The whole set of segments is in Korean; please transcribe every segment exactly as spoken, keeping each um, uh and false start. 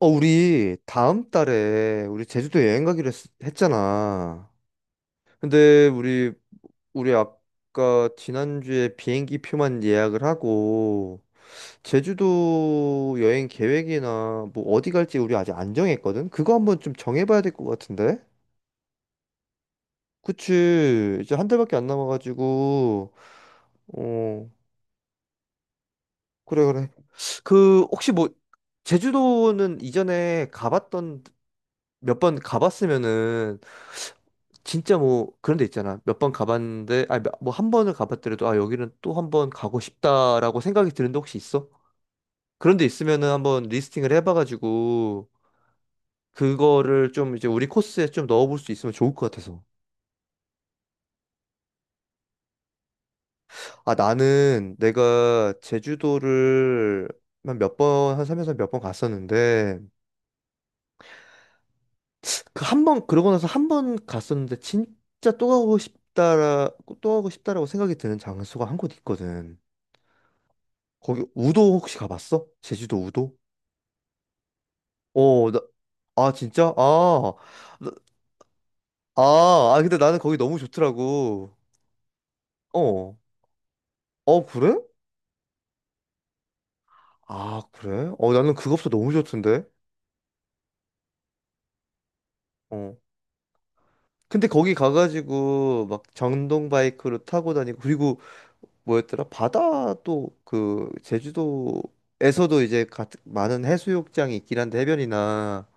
어, 우리 다음 달에 우리 제주도 여행 가기로 했, 했잖아. 근데 우리 우리 아까 지난주에 비행기 표만 예약을 하고 제주도 여행 계획이나 뭐 어디 갈지 우리 아직 안 정했거든. 그거 한번 좀 정해봐야 될 것 같은데. 그치. 이제 한 달밖에 안 남아가지고. 어, 그래 그래. 그 혹시 뭐 제주도는 이전에 가봤던 몇 번 가봤으면은 진짜 뭐 그런 데 있잖아. 몇 번 가봤는데 아니 뭐 한 번을 가봤더라도 아 여기는 또 한 번 가고 싶다라고 생각이 드는데 혹시 있어? 그런 데 있으면은 한번 리스팅을 해봐가지고 그거를 좀 이제 우리 코스에 좀 넣어볼 수 있으면 좋을 것 같아서. 아, 나는 내가 제주도를 한 몇 번, 한 삼에서 몇 번 갔었는데 그 한 번 그러고 나서 한 번 갔었는데 진짜 또 가고 싶다라 또 가고 싶다라고 생각이 드는 장소가 한 곳 있거든. 거기 우도 혹시 가봤어? 제주도 우도? 어, 나, 아 진짜? 아, 나- 아, 아 근데 나는 거기 너무 좋더라고. 어, 어 그래? 아 그래? 어 나는 그것도 너무 좋던데. 어. 근데 거기 가가지고 막 전동 바이크로 타고 다니고 그리고 뭐였더라? 바다도 그 제주도에서도 이제 같은 많은 해수욕장이 있긴 한데 해변이나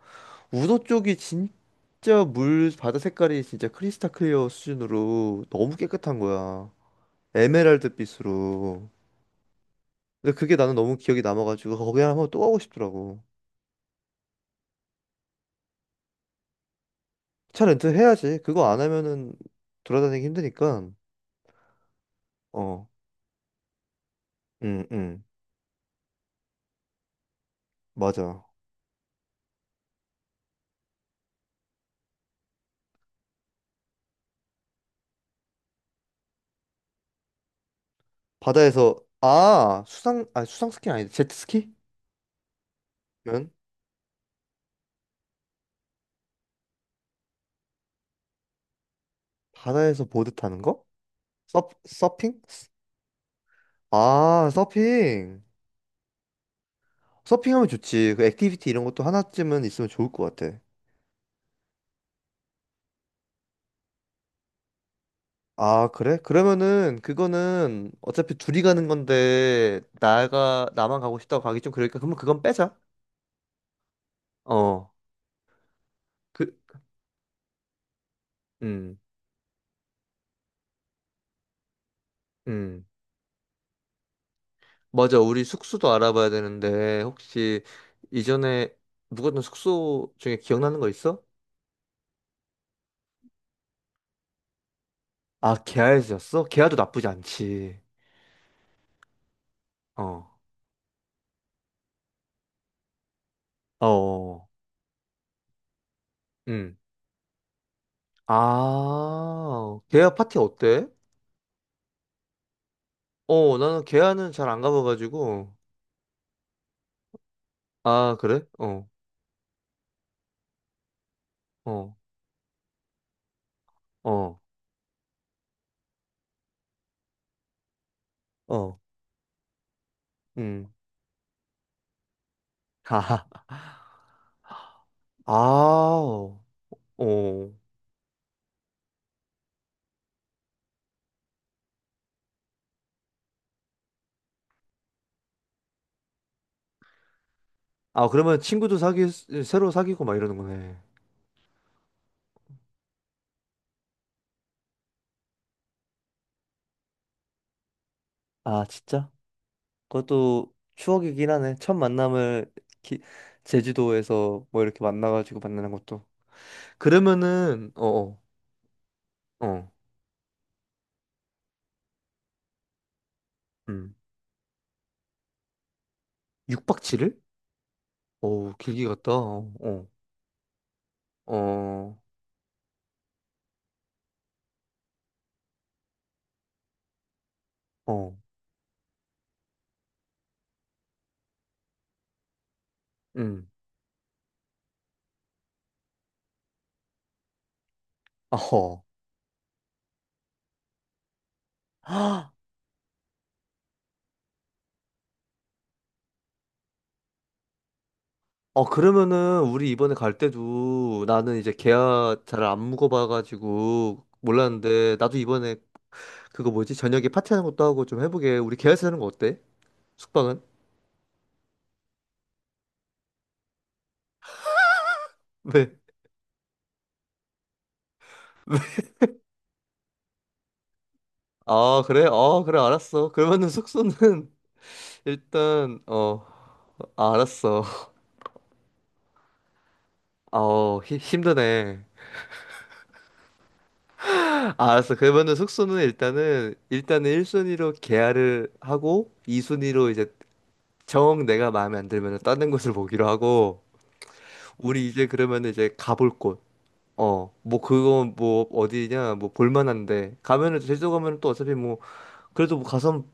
우도 쪽이 진짜 물 바다 색깔이 진짜 크리스탈 클리어 수준으로 너무 깨끗한 거야. 에메랄드 빛으로. 근데 그게 나는 너무 기억이 남아가지고 거기 하나 한번 또 가고 싶더라고. 차 렌트 해야지. 그거 안 하면은 돌아다니기 힘드니까. 어, 응, 응, 맞아. 바다에서 아 수상 아 수상 스키 아니다 제트스키? 면 바다에서 보드 타는 거? 서 서핑? 아 서핑. 서핑하면 좋지. 그 액티비티 이런 것도 하나쯤은 있으면 좋을 것 같아. 아, 그래? 그러면은 그거는 어차피 둘이 가는 건데 나가 나만 가고 싶다고 가기 좀 그러니까 그러면 그건 빼자. 어. 그 음. 음. 맞아. 우리 숙소도 알아봐야 되는데 혹시 이전에 묵었던 숙소 중에 기억나는 거 있어? 아, 계야에서였어? 계야도 나쁘지 않지. 어. 어. 음. 아. 계야 파티 어때? 어, 나는 계야는 잘 안 가봐가지고. 아, 그래? 어. 어. 어. 어. 음. 아, 아, 어. 아, 그러면 친구도 사귀, 새로 사귀고 막 이러는 거네. 아, 진짜? 그것도 추억이긴 하네. 첫 만남을 기- 제주도에서 뭐 이렇게 만나가지고 만나는 것도. 그러면은, 어, 어, 어, 음. 육 박 칠 일? 오, 길게 갔다. 어, 어, 어, 어, 음. 어허. 아, 어, 그러면은, 우리 이번에 갈 때도 나는 이제 계약 잘 안 묵어봐가지고 몰랐는데, 나도 이번에 그거 뭐지? 저녁에 파티하는 것도 하고 좀 해보게. 우리 계약서 하는 거 어때? 숙박은? 네. 아, 그래? 아, 그래, 알았어. 그러면은 숙소는 일단, 어, 아, 알았어. 아, 어, 히- 힘드네. 아, 알았어. 그러면은 숙소는 일단은, 일단은 일 순위로 계약을 하고, 이 순위로 이제 정 내가 마음에 안 들면은 다른 곳을 보기로 하고, 우리 이제 그러면은 이제 가볼 곳. 어, 뭐 그건 뭐 어디냐, 뭐 볼만한데. 가면은 제주도 가면은 또 어차피 뭐 그래도 뭐 가서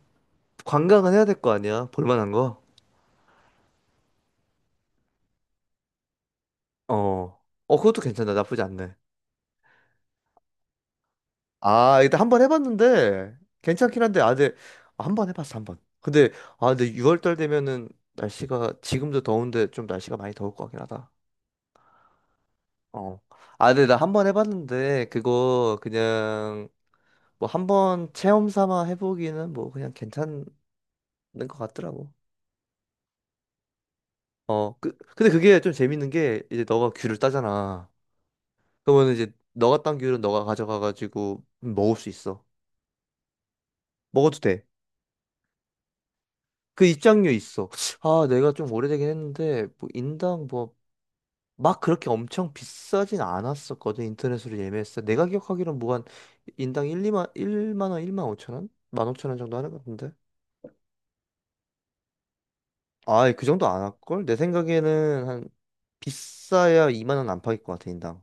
관광은 해야 될 거 아니야? 볼만한 거? 어. 어, 그것도 괜찮다. 나쁘지 않네. 아, 일단 한 번 해봤는데 괜찮긴 한데 아, 근데 한 번 해봤어 한 번. 근데 아, 근데 유월달 되면은 날씨가 지금도 더운데 좀 날씨가 많이 더울 것 같긴 하다. 어. 아, 근데 나 한 번 해봤는데 그거 그냥 뭐 한 번 체험 삼아 해보기는 뭐 그냥 괜찮은 것 같더라고. 어, 그, 근데 그게 좀 재밌는 게 이제 너가 귤을 따잖아. 그러면 이제 너가 딴 기울은 너가 가져가가지고 음, 먹을 수 있어. 먹어도 돼. 그 입장료 있어. 아, 내가 좀 오래되긴 했는데 뭐 인당 뭐 막 그렇게 엄청 비싸진 않았었거든. 인터넷으로 예매했어. 내가 기억하기로는 뭐 한 인당 일, 이만, 일만 원, 일만 오천 원? 일만 오천 원 정도 하는 것 같은데. 아, 그 정도 안 할걸? 내 생각에는 한 비싸야 이만 원 안팎일 것 같아, 인당.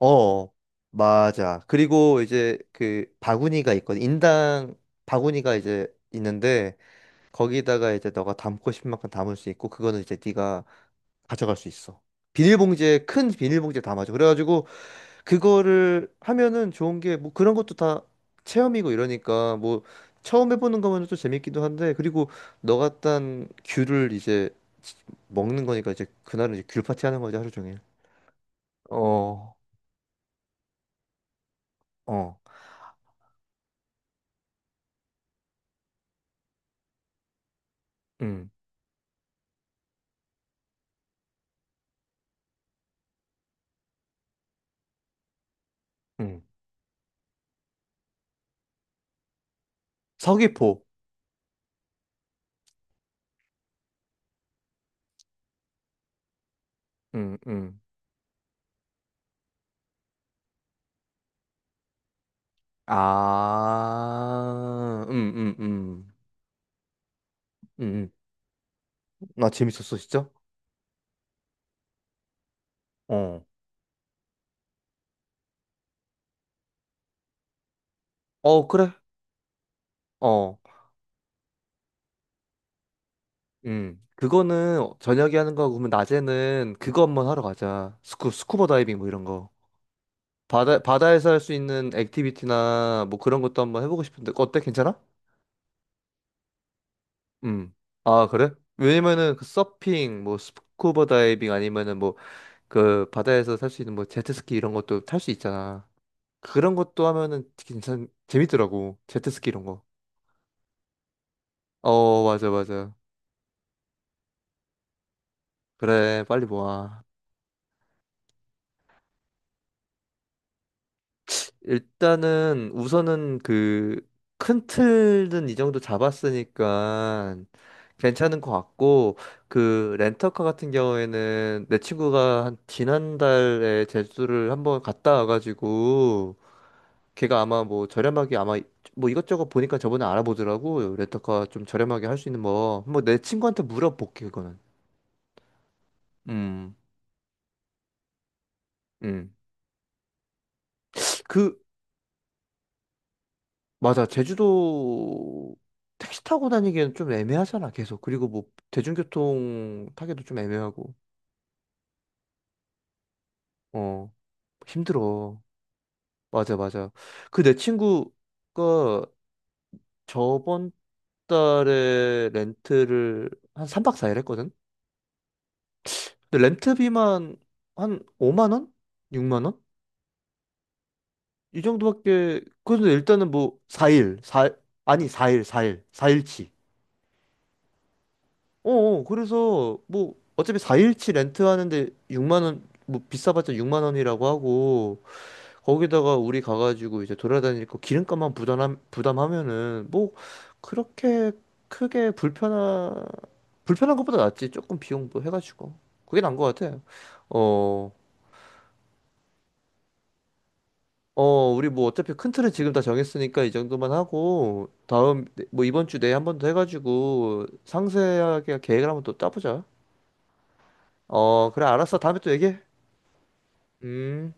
어, 어. 맞아. 그리고 이제 그 바구니가 있거든. 인당 바구니가 이제 있는데 거기다가 이제 너가 담고 싶은 만큼 담을 수 있고 그거는 이제 네가 가져갈 수 있어. 비닐봉지에 큰 비닐봉지에 담아줘. 그래가지고 그거를 하면은 좋은 게 뭐 그런 것도 다 체험이고 이러니까 뭐 처음 해보는 거면 또 재밌기도 한데 그리고 너가 딴 귤을 이제 먹는 거니까 이제 그날은 이제 귤 파티 하는 거지 하루 종일. 어, 어, 음, 음. 서귀포. 음, 음. 아, 음, 음, 음. 음, 음. 나 재밌었어, 진짜? 어. 어, 그래. 어. 음. 그거는 저녁에 하는 거고, 그러면 낮에는 그거 한번 하러 가자. 스쿠, 스쿠버 다이빙 뭐 이런 거. 바다, 바다에서 할 수 있는 액티비티나 뭐 그런 것도 한번 해보고 싶은데, 어때? 괜찮아? 음. 아, 그래? 왜냐면은 그 서핑, 뭐 스쿠버 다이빙 아니면은 뭐 그 바다에서 탈 수 있는 뭐 제트스키 이런 것도 탈 수 있잖아. 그런 것도 하면은 괜찮, 재밌더라고. 제트스키 이런 거. 어, 맞아, 맞아. 그래, 빨리 모아. 일단은 우선은 그 큰 틀은 이 정도 잡았으니까 괜찮은 것 같고 그 렌터카 같은 경우에는 내 친구가 한 지난달에 제주를 한번 갔다 와가지고 걔가 아마 뭐 저렴하게 아마 뭐 이것저것 보니까 저번에 알아보더라고 렌터카 좀 저렴하게 할 수 있는 뭐 한번 내 친구한테 물어볼게 그거는. 음. 음그 맞아. 제주도 택시 타고 다니기에는 좀 애매하잖아, 계속. 그리고 뭐 대중교통 타기도 좀 애매하고. 어, 힘들어. 맞아, 맞아. 그 내 친구가 저번 달에 렌트를 한 삼 박 사 일 했거든. 근데 렌트비만 한 오만 원? 육만 원? 이 정도밖에. 그래서 일단은 뭐 사 일, 사 아니 사 일, 사 일 사 일치. 어, 어, 그래서 뭐 어차피 사 일치 렌트하는데 육만 원, 뭐 비싸봤자 육만 원이라고 하고 거기다가 우리 가가지고 이제 돌아다니고 기름값만 부담 부담하면은 뭐 그렇게 크게 불편한 불편한 것보다 낫지 조금 비용도 해가지고 그게 나은 것 같아. 어, 어, 우리 뭐 어차피 큰 틀은 지금 다 정했으니까 이 정도만 하고 다음 네, 뭐 이번 주 내에 한 번 더 해가지고 상세하게 계획을 한번 또 짜보자. 어, 그래 알았어 다음에 또 얘기해. 음.